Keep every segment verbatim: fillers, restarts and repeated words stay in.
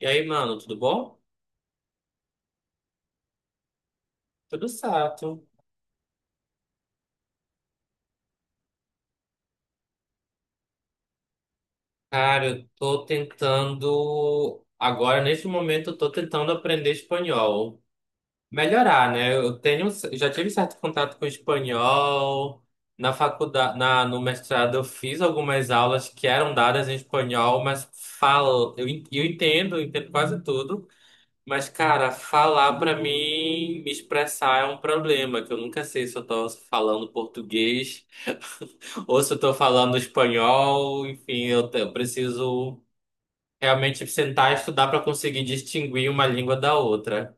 E aí, mano, tudo bom? Tudo certo. Cara, eu tô tentando. Agora, neste momento, eu tô tentando aprender espanhol. Melhorar, né? Eu tenho, já tive certo contato com espanhol. Na faculdade, na, no mestrado, eu fiz algumas aulas que eram dadas em espanhol, mas falo, eu, en- eu entendo, eu entendo quase tudo. Mas, cara, falar pra mim, me expressar é um problema, que eu nunca sei se eu tô falando português ou se eu tô falando espanhol. Enfim, eu, te- eu preciso realmente sentar e estudar pra conseguir distinguir uma língua da outra.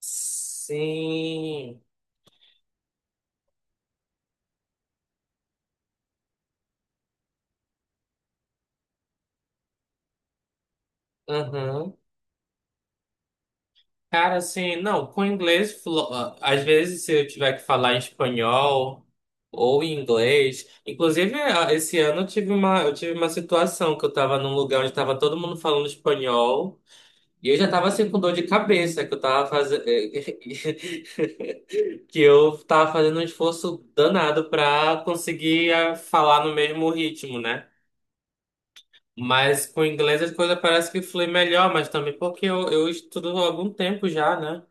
Sim. Cara, assim, não, com inglês, flu- ah, às vezes se eu tiver que falar em espanhol ou em inglês, inclusive ah, esse ano eu tive uma, eu tive uma situação que eu tava num lugar onde tava todo mundo falando espanhol e eu já tava assim com dor de cabeça, que eu tava fazendo, que eu tava fazendo um esforço danado pra conseguir ah, falar no mesmo ritmo, né? Mas com inglês as coisas parece que flui melhor, mas também porque eu, eu estudo há algum tempo já, né?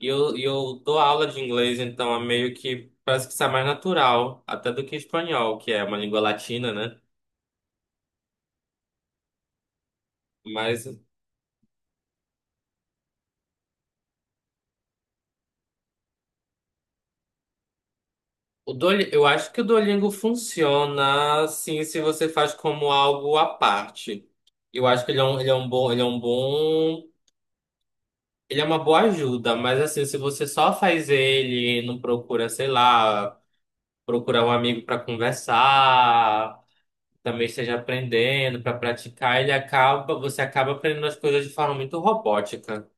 E eu, e eu dou aula de inglês, então é meio que parece que sai mais natural, até do que espanhol, que é uma língua latina, né? Mas o Duoli- eu acho que o Duolingo funciona sim se você faz como algo à parte. Eu acho que ele é um, ele é um bom, ele é um bom, ele é uma boa ajuda, mas assim, se você só faz ele, não procura, sei lá, procurar um amigo para conversar, também esteja aprendendo para praticar, ele acaba, você acaba aprendendo as coisas de forma muito robótica.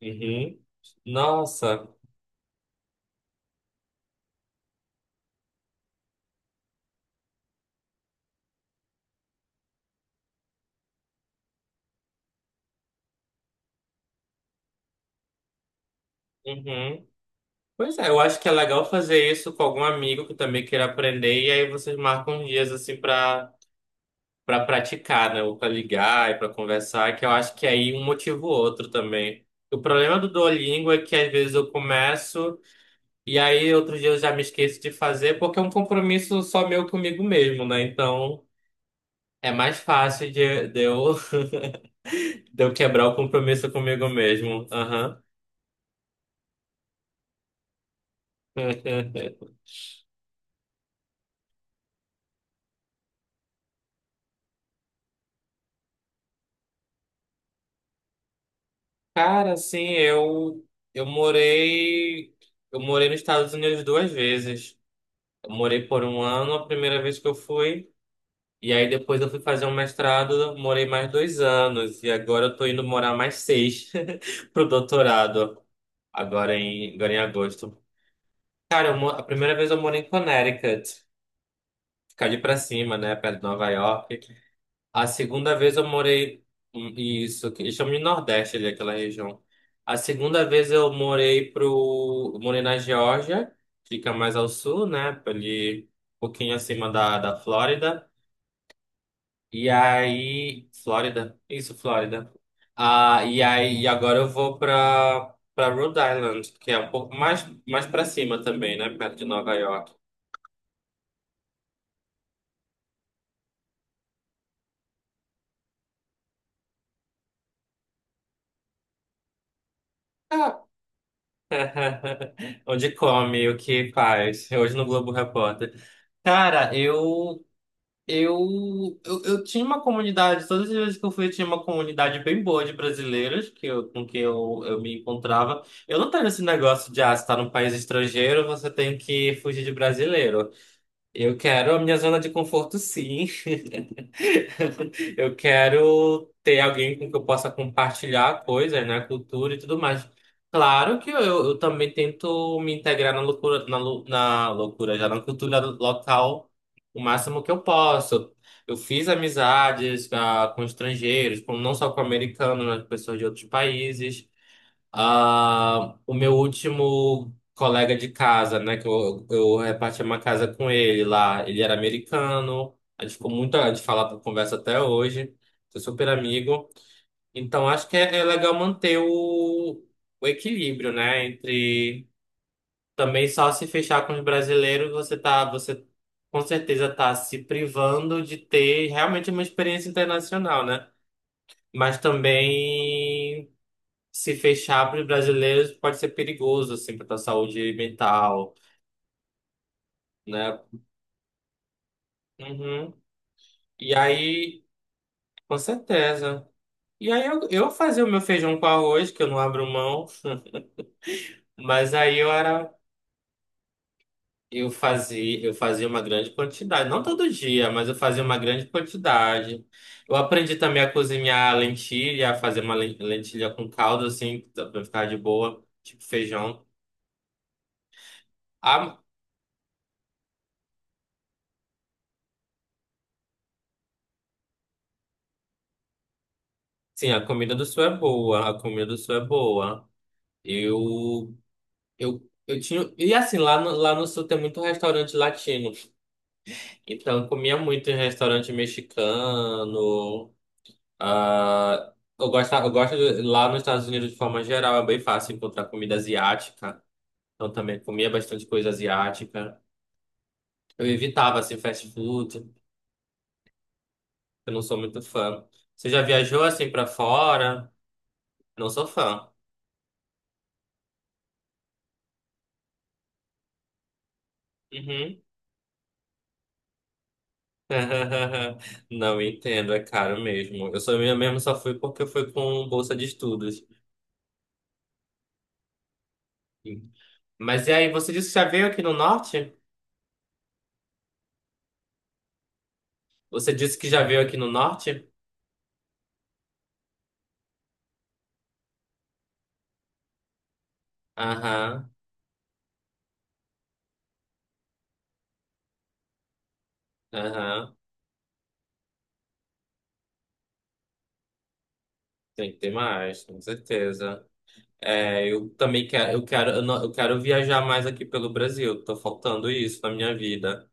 Uhum. Nossa. Uhum. Pois é, eu acho que é legal fazer isso com algum amigo que também queira aprender, e aí vocês marcam dias assim para para praticar, né? Ou para ligar e para conversar, que eu acho que aí um motiva o outro também. O problema do Duolingo é que às vezes eu começo e aí outro dia eu já me esqueço de fazer, porque é um compromisso só meu comigo mesmo, né? Então. É mais fácil de, de, eu, de eu quebrar o compromisso comigo mesmo. Aham. Cara, assim, eu, eu morei. Eu morei nos Estados Unidos duas vezes. Eu morei por um ano, a primeira vez que eu fui. E aí depois eu fui fazer um mestrado, morei mais dois anos. E agora eu tô indo morar mais seis pro doutorado. Agora em, agora em agosto. Cara, eu mo- a primeira vez eu morei em Connecticut. Ficar ali pra cima, né? Perto de Nova York. A segunda vez eu morei. Hum, isso, que eles chamam de Nordeste ali, aquela região. A segunda vez eu morei pro. Morei na Geórgia, fica mais ao sul, né? Ali, um pouquinho acima da, da, Flórida. E aí. Flórida? Isso, Flórida. Ah, e aí, e agora eu vou pra, pra, Rhode Island, que é um pouco mais, mais pra cima também, né? Perto de Nova York. Ah, onde come, o que faz. Hoje no Globo Repórter. Cara, eu, eu, eu, eu tinha uma comunidade, todas as vezes que eu fui, eu tinha uma comunidade bem boa de brasileiros que eu, com quem eu, eu me encontrava. Eu não tenho esse negócio de, ah, você tá num país estrangeiro, você tem que fugir de brasileiro. Eu quero a minha zona de conforto, sim. Eu quero ter alguém com que eu possa compartilhar coisas, né? Cultura e tudo mais. Claro que eu, eu também tento me integrar na loucura, na, lu- na loucura, já na cultura local o máximo que eu posso. Eu fiz amizades ah, com estrangeiros, com, não só com americanos, mas com pessoas de outros países. Ah, o meu último colega de casa, né, que eu, eu repartia uma casa com ele lá, ele era americano, a gente ficou muito de falar por conversa até hoje, sou super amigo. Então acho que é, é legal manter o, o equilíbrio, né, entre também só se fechar com os brasileiros, você tá, você com certeza tá se privando de ter realmente uma experiência internacional, né? Mas também se fechar para os brasileiros pode ser perigoso, assim, para a saúde mental, né? Uhum. E aí, com certeza. E aí eu, eu fazia o meu feijão com arroz, que eu não abro mão, mas aí eu era, eu fazia, eu fazia uma grande quantidade, não todo dia, mas eu fazia uma grande quantidade. Eu aprendi também a cozinhar lentilha, a fazer uma len- lentilha com caldo, assim, para ficar de boa, tipo feijão. Ah, sim, a comida do sul é boa, a comida do sul é boa. Eu, eu, eu tinha. E assim, lá no, lá no sul tem muito restaurante latino. Então, comia muito em restaurante mexicano. ah eu gosto, eu gosto de- Lá nos Estados Unidos, de forma geral, é bem fácil encontrar comida asiática. Então, também comia bastante coisa asiática. Eu evitava, assim, fast food. Eu não sou muito fã. Você já viajou, assim, pra fora? Não sou fã. Uhum. Não entendo, é caro mesmo. Eu só eu mesmo só fui porque eu fui com bolsa de estudos. Mas e aí, você disse que já veio aqui no norte? Você disse que já veio aqui no norte? Aham, aham. Tem que ter mais, com certeza. É, eu também quero, eu quero, eu, não- eu quero viajar mais aqui pelo Brasil. Tô faltando isso na minha vida.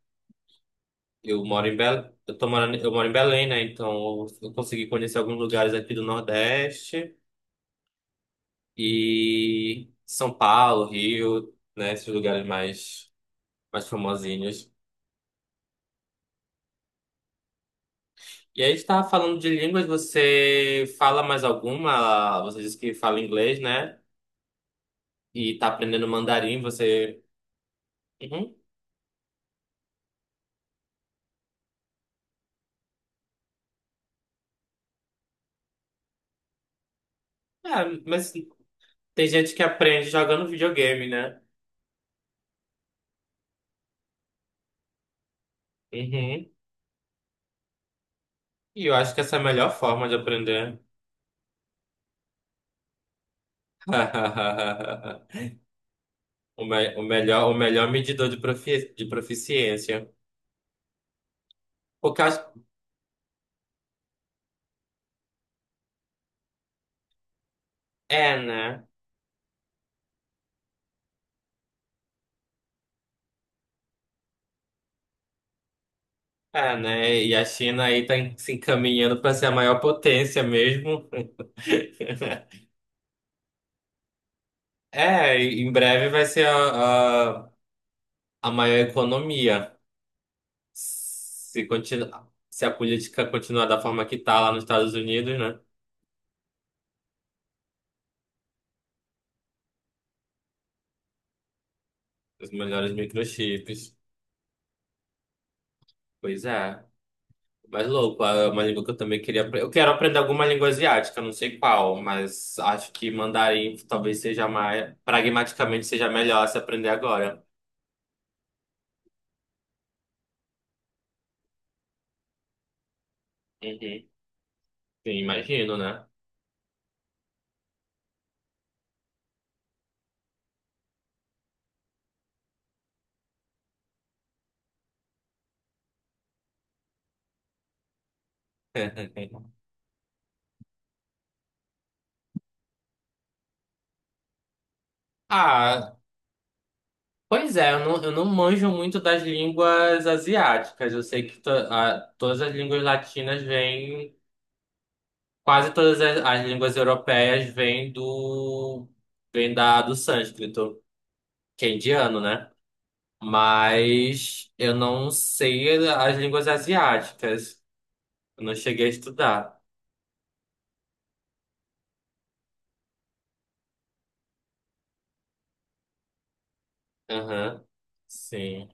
Eu moro em Belém, eu tô morando, eu moro em Belém, né? Então eu consegui conhecer alguns lugares aqui do Nordeste. E São Paulo, Rio, né, esses lugares mais mais famosinhos. E aí estava falando de línguas, você fala mais alguma? Você disse que fala inglês, né? E tá aprendendo mandarim, você. Uhum. É, mas tem gente que aprende jogando videogame, né? Uhum. E eu acho que essa é a melhor forma de aprender. O, me- o melhor, o melhor medidor de, profi de proficiência. Porque eu acho. É, né? É, né? E a China aí tá en- se encaminhando para ser a maior potência mesmo. É, e em breve vai ser a, a, a maior economia. Se, continuar se a política continuar da forma que tá lá nos Estados Unidos, né? Os melhores microchips. Pois é. Mas louco, é uma língua que eu também queria aprender. Eu quero aprender alguma língua asiática, não sei qual, mas acho que mandarim talvez seja mais, pragmaticamente seja melhor se aprender agora. Uhum. Sim, imagino, né? Ah, pois é, eu não, eu não manjo muito das línguas asiáticas. Eu sei que to- a- todas as línguas latinas vêm, quase todas as, as línguas europeias vêm do, vêm da, do sânscrito, que é indiano, né? Mas eu não sei as línguas asiáticas. Eu não cheguei a estudar. Aham, sim.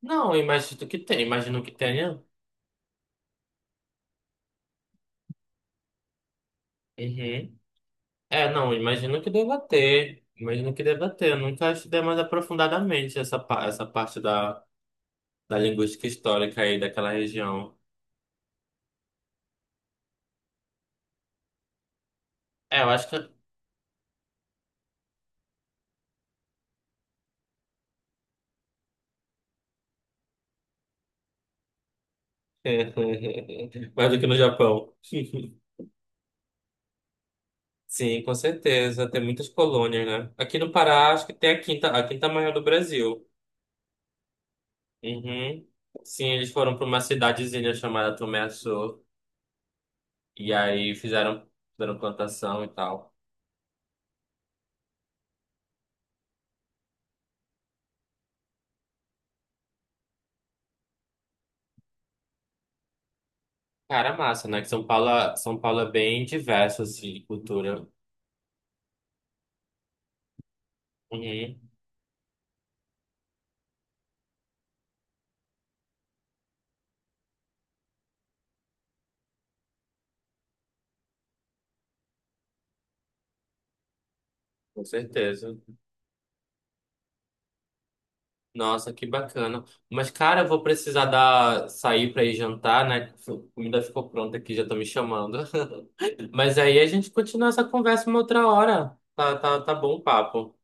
Não, eu imagino que tem, imagino que tenha. Uhum. É, não, imagino que deva ter. Imagino que deva ter. Eu nunca estudei mais aprofundadamente essa, pa- essa parte da, da linguística histórica aí daquela região. É, eu acho que. Mais do que no Japão. Sim, com certeza. Tem muitas colônias, né? Aqui no Pará, acho que tem a quinta, a quinta maior do Brasil. Uhum. Sim, eles foram para uma cidadezinha chamada Tomé-Açu. E aí fizeram, fizeram plantação e tal. Cara, massa, né? Que São Paulo, é, São Paulo é bem diverso, assim, de cultura. Uhum, com certeza. Nossa, que bacana. Mas, cara, eu vou precisar dar, sair pra ir jantar, né? A comida ficou pronta aqui, já tô me chamando. Mas aí a gente continua essa conversa uma outra hora. Tá, tá, tá bom o papo.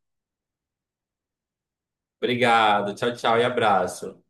Obrigado. Tchau, tchau e abraço.